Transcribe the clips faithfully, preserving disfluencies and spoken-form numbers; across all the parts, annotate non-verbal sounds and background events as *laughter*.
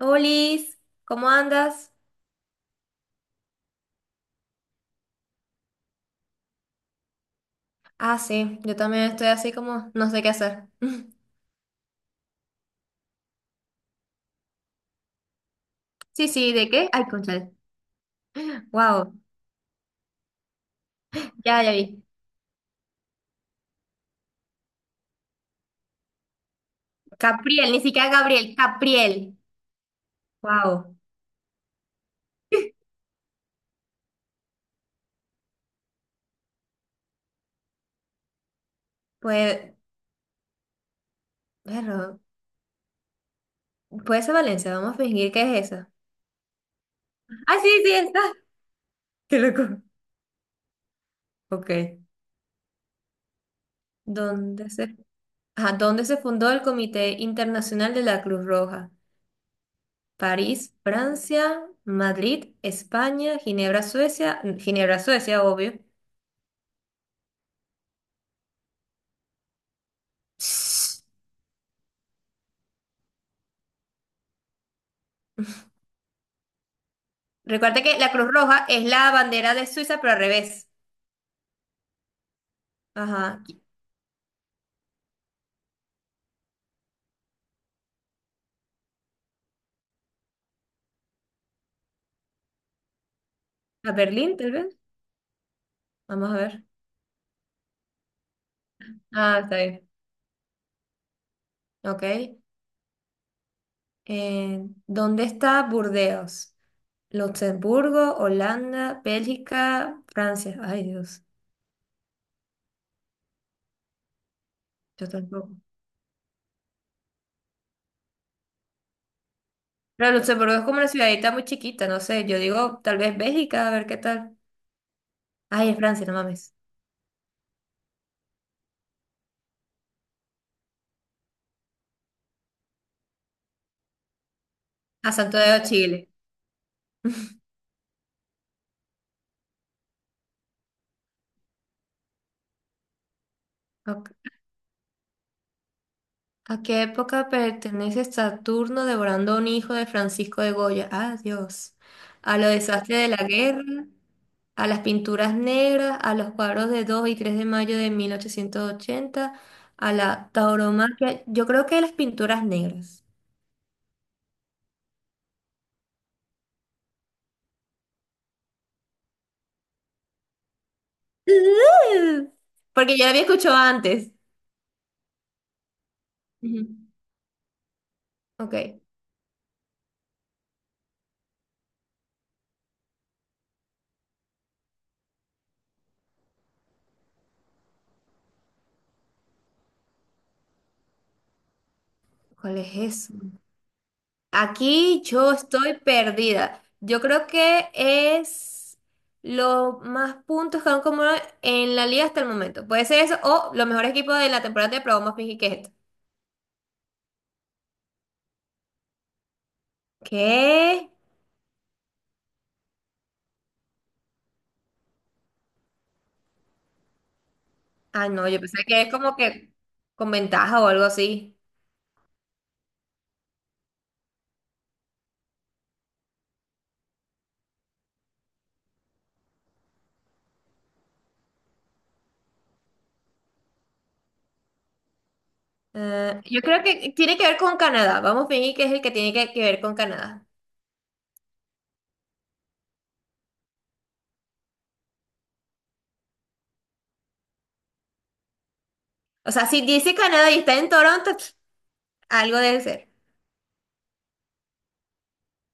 Olis, ¿cómo andas? Ah, sí, yo también estoy así como no sé qué hacer. *laughs* Sí, sí, ¿de qué? Ay, cónchale. Wow, ya, ya vi. Capriel, ni siquiera Gabriel, Capriel. Wow. Pues, bueno, *laughs* puede ser Valencia, vamos a fingir que es esa. Ah, sí, sí, está. *laughs* Qué loco. Ok. ¿Dónde se, ajá, ¿dónde se fundó el Comité Internacional de la Cruz Roja? París, Francia, Madrid, España, Ginebra, Suecia, Ginebra, Suecia, obvio. Recuerda que la Cruz Roja es la bandera de Suiza, pero al revés. Ajá. ¿A Berlín, tal vez? Vamos a ver. Ah, está bien. Ok. Eh, ¿dónde está Burdeos? Luxemburgo, Holanda, Bélgica, Francia. Ay, Dios. Yo tampoco. Pero Luxemburgo es como una ciudadita muy chiquita, no sé. Yo digo, tal vez Bélgica, a ver qué tal. Ay, es Francia, no mames. A Santo de Chile. Ok. ¿A qué época pertenece Saturno devorando a un hijo de Francisco de Goya? Ah, Dios. A los desastres de la guerra, a las pinturas negras, a los cuadros de dos y tres de mayo de mil ochocientos ochenta, a la tauromaquia. Yo creo que las pinturas negras. *laughs* Porque ya la había escuchado antes. Ujú. Ok, ¿cuál es aquí yo estoy perdida. Yo creo que es los más puntos que han acumulado en la liga hasta el momento. Puede ser eso o los mejores equipos de la temporada de probamos fingir que es esto. ¿Qué? Ah, no, yo pensé que es como que con ventaja o algo así. Eh, yo creo que tiene que ver con Canadá. Vamos a fingir que es el que tiene que, que ver con Canadá. O sea, si dice Canadá y está en Toronto, *sniffs* pf, algo debe ser.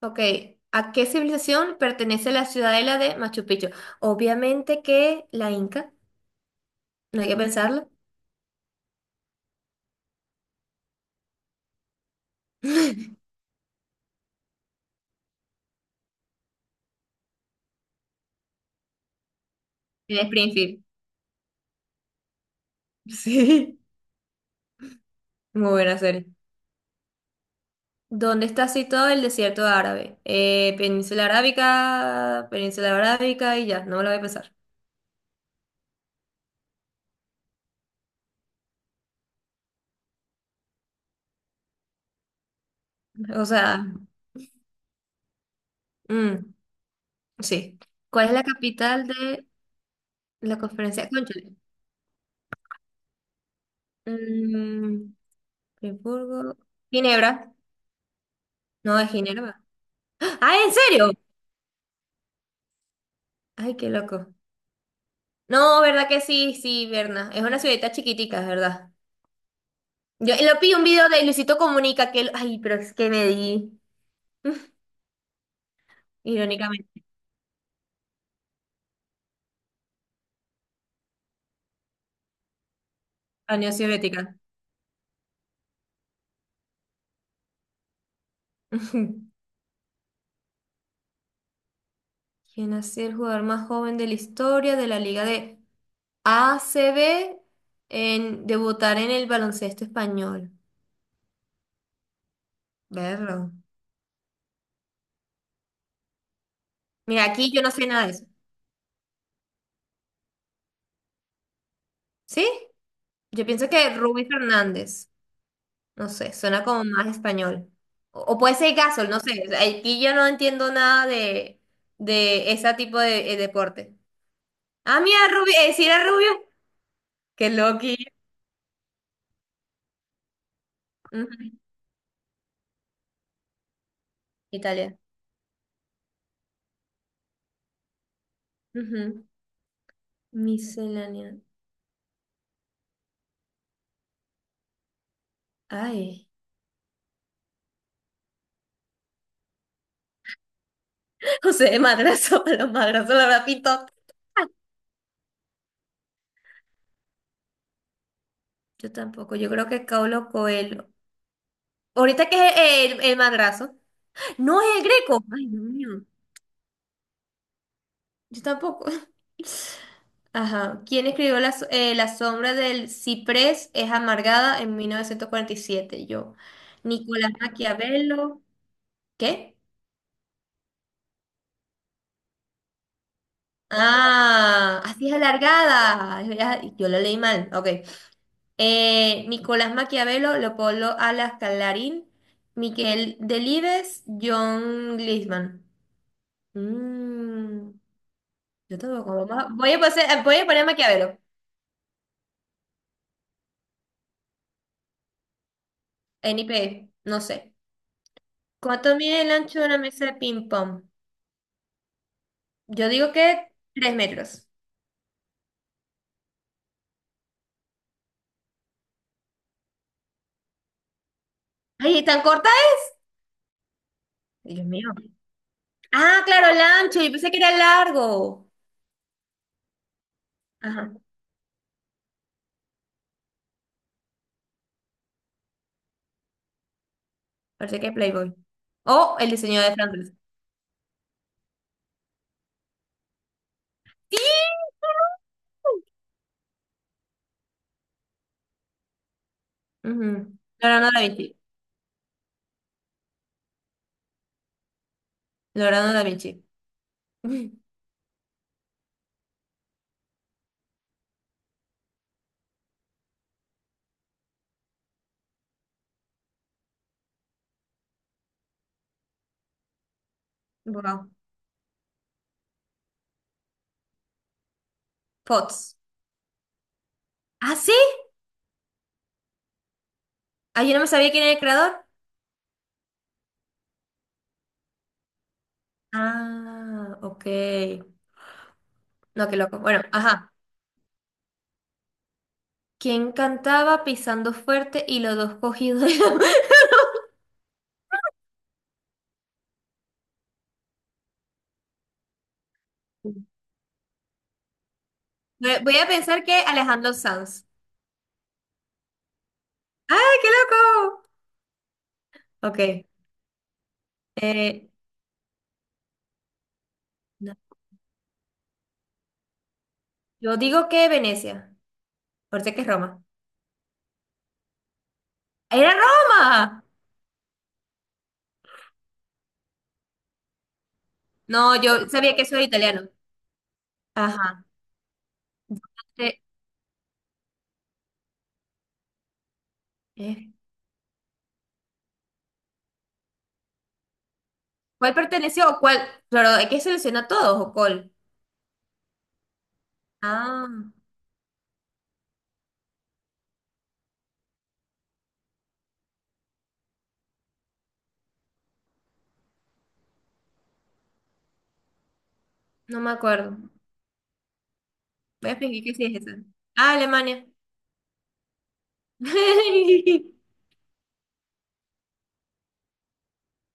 Ok, ¿a qué civilización pertenece la ciudadela de Machu Picchu? Obviamente que la Inca, no hay que pensarlo. *laughs* En Springfield. Sí, muy buena serie. ¿Dónde está situado el desierto árabe? Eh, Península Arábica, Península Arábica y ya, no me lo voy a pensar. O sea, mm, sí. ¿Cuál es la capital de la conferencia? Cónchale. Mm, Friburgo. Ginebra. No, es Ginebra. *gasps* ¡Ah, en serio! Ay, qué loco. No, ¿verdad que sí? Sí, Berna. Es una ciudadita chiquitica, es ¿verdad? Yo lo vi un video de Luisito Comunica. que... él- Ay, pero es que me di. *laughs* Irónicamente. A Unión Soviética. *laughs* ¿Quién ha sido el jugador más joven de la historia de la Liga de A C B en debutar en el baloncesto español? Verlo. Mira, aquí yo no sé nada de eso. ¿Sí? Yo pienso que Rubí Fernández. No sé, suena como más español. O, o puede ser Gasol, no sé. O sea, aquí yo no entiendo nada de, de ese tipo de eh, deporte. Ah, mira, Rubio, eh, sí era Rubio. Qué loqui. Ujú. Italia. Ujú. Miscelánea. Ay. *laughs* José de Madrazo, *laughs* los madrazos la habrá pintado. Yo tampoco, yo creo que es Paulo Coelho. Ahorita que es el, el madrazo. No es el Greco. Ay, Dios mío. Yo tampoco. *laughs* Ajá. ¿Quién escribió La, so- eh, La sombra del ciprés es amargada en mil novecientos cuarenta y siete? Yo. Nicolás Maquiavelo. ¿Qué? Ah, así es alargada. Ya- Yo lo leí mal. Ok. Eh, Nicolás Maquiavelo, Leopoldo Alas Calarín, Miquel Delibes, John Glisman. Mm, yo tampoco. Vamos a- Voy a, poner- voy a poner Maquiavelo. N I P. No sé. ¿Cuánto mide el ancho de una mesa de ping-pong? Yo digo que tres metros. Ay, ¿tan corta es? Dios mío. Ah, claro, el ancho. Yo pensé que era largo. Ajá, parece que es Playboy. O el diseño de Flanders. Sí. Ujú. Leonardo da Vinci. Leonardo da Vinci. *laughs* Ujú. Wow. Potts. ¿Ah, sí? Ah, yo no me sabía quién era el creador. Ah, ok. No, qué loco. Bueno, ajá. ¿Quién cantaba pisando fuerte y los dos cogidos de la- *laughs* Voy voy a pensar que Alejandro Sanz. ¡Ay, qué loco! Ok. eh, no, yo digo que Venecia. Ahorita que es Roma. ¡Era Roma! No, yo sabía que eso era italiano. Ajá. Eh, eh, ¿Cuál perteneció o cuál? Claro, hay que seleccionar todos o cuál. Ah, no me acuerdo. Voy a fingir que sí es esa. Ah, Alemania. *laughs*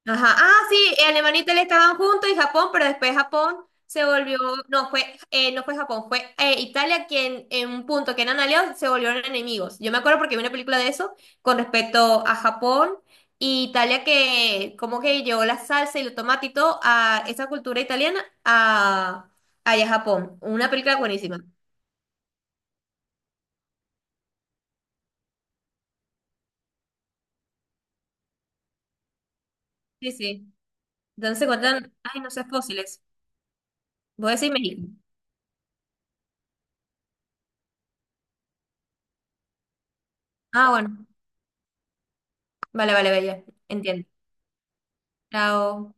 Ajá. Ah, sí, Alemania e Italia estaban juntos y Japón, pero después Japón se volvió, no fue, eh, no fue Japón, fue eh, Italia quien en un punto que eran aliados se volvieron enemigos. Yo me acuerdo porque vi una película de eso con respecto a Japón y Italia que como que llevó la salsa y el tomate y todo a esa cultura italiana a allá a Japón. Una película buenísima. Sí, sí. Entonces se encuentran, ay, no sé, fósiles. Voy a decir México. Ah, bueno. Vale, vale, bella. Entiendo. Chao.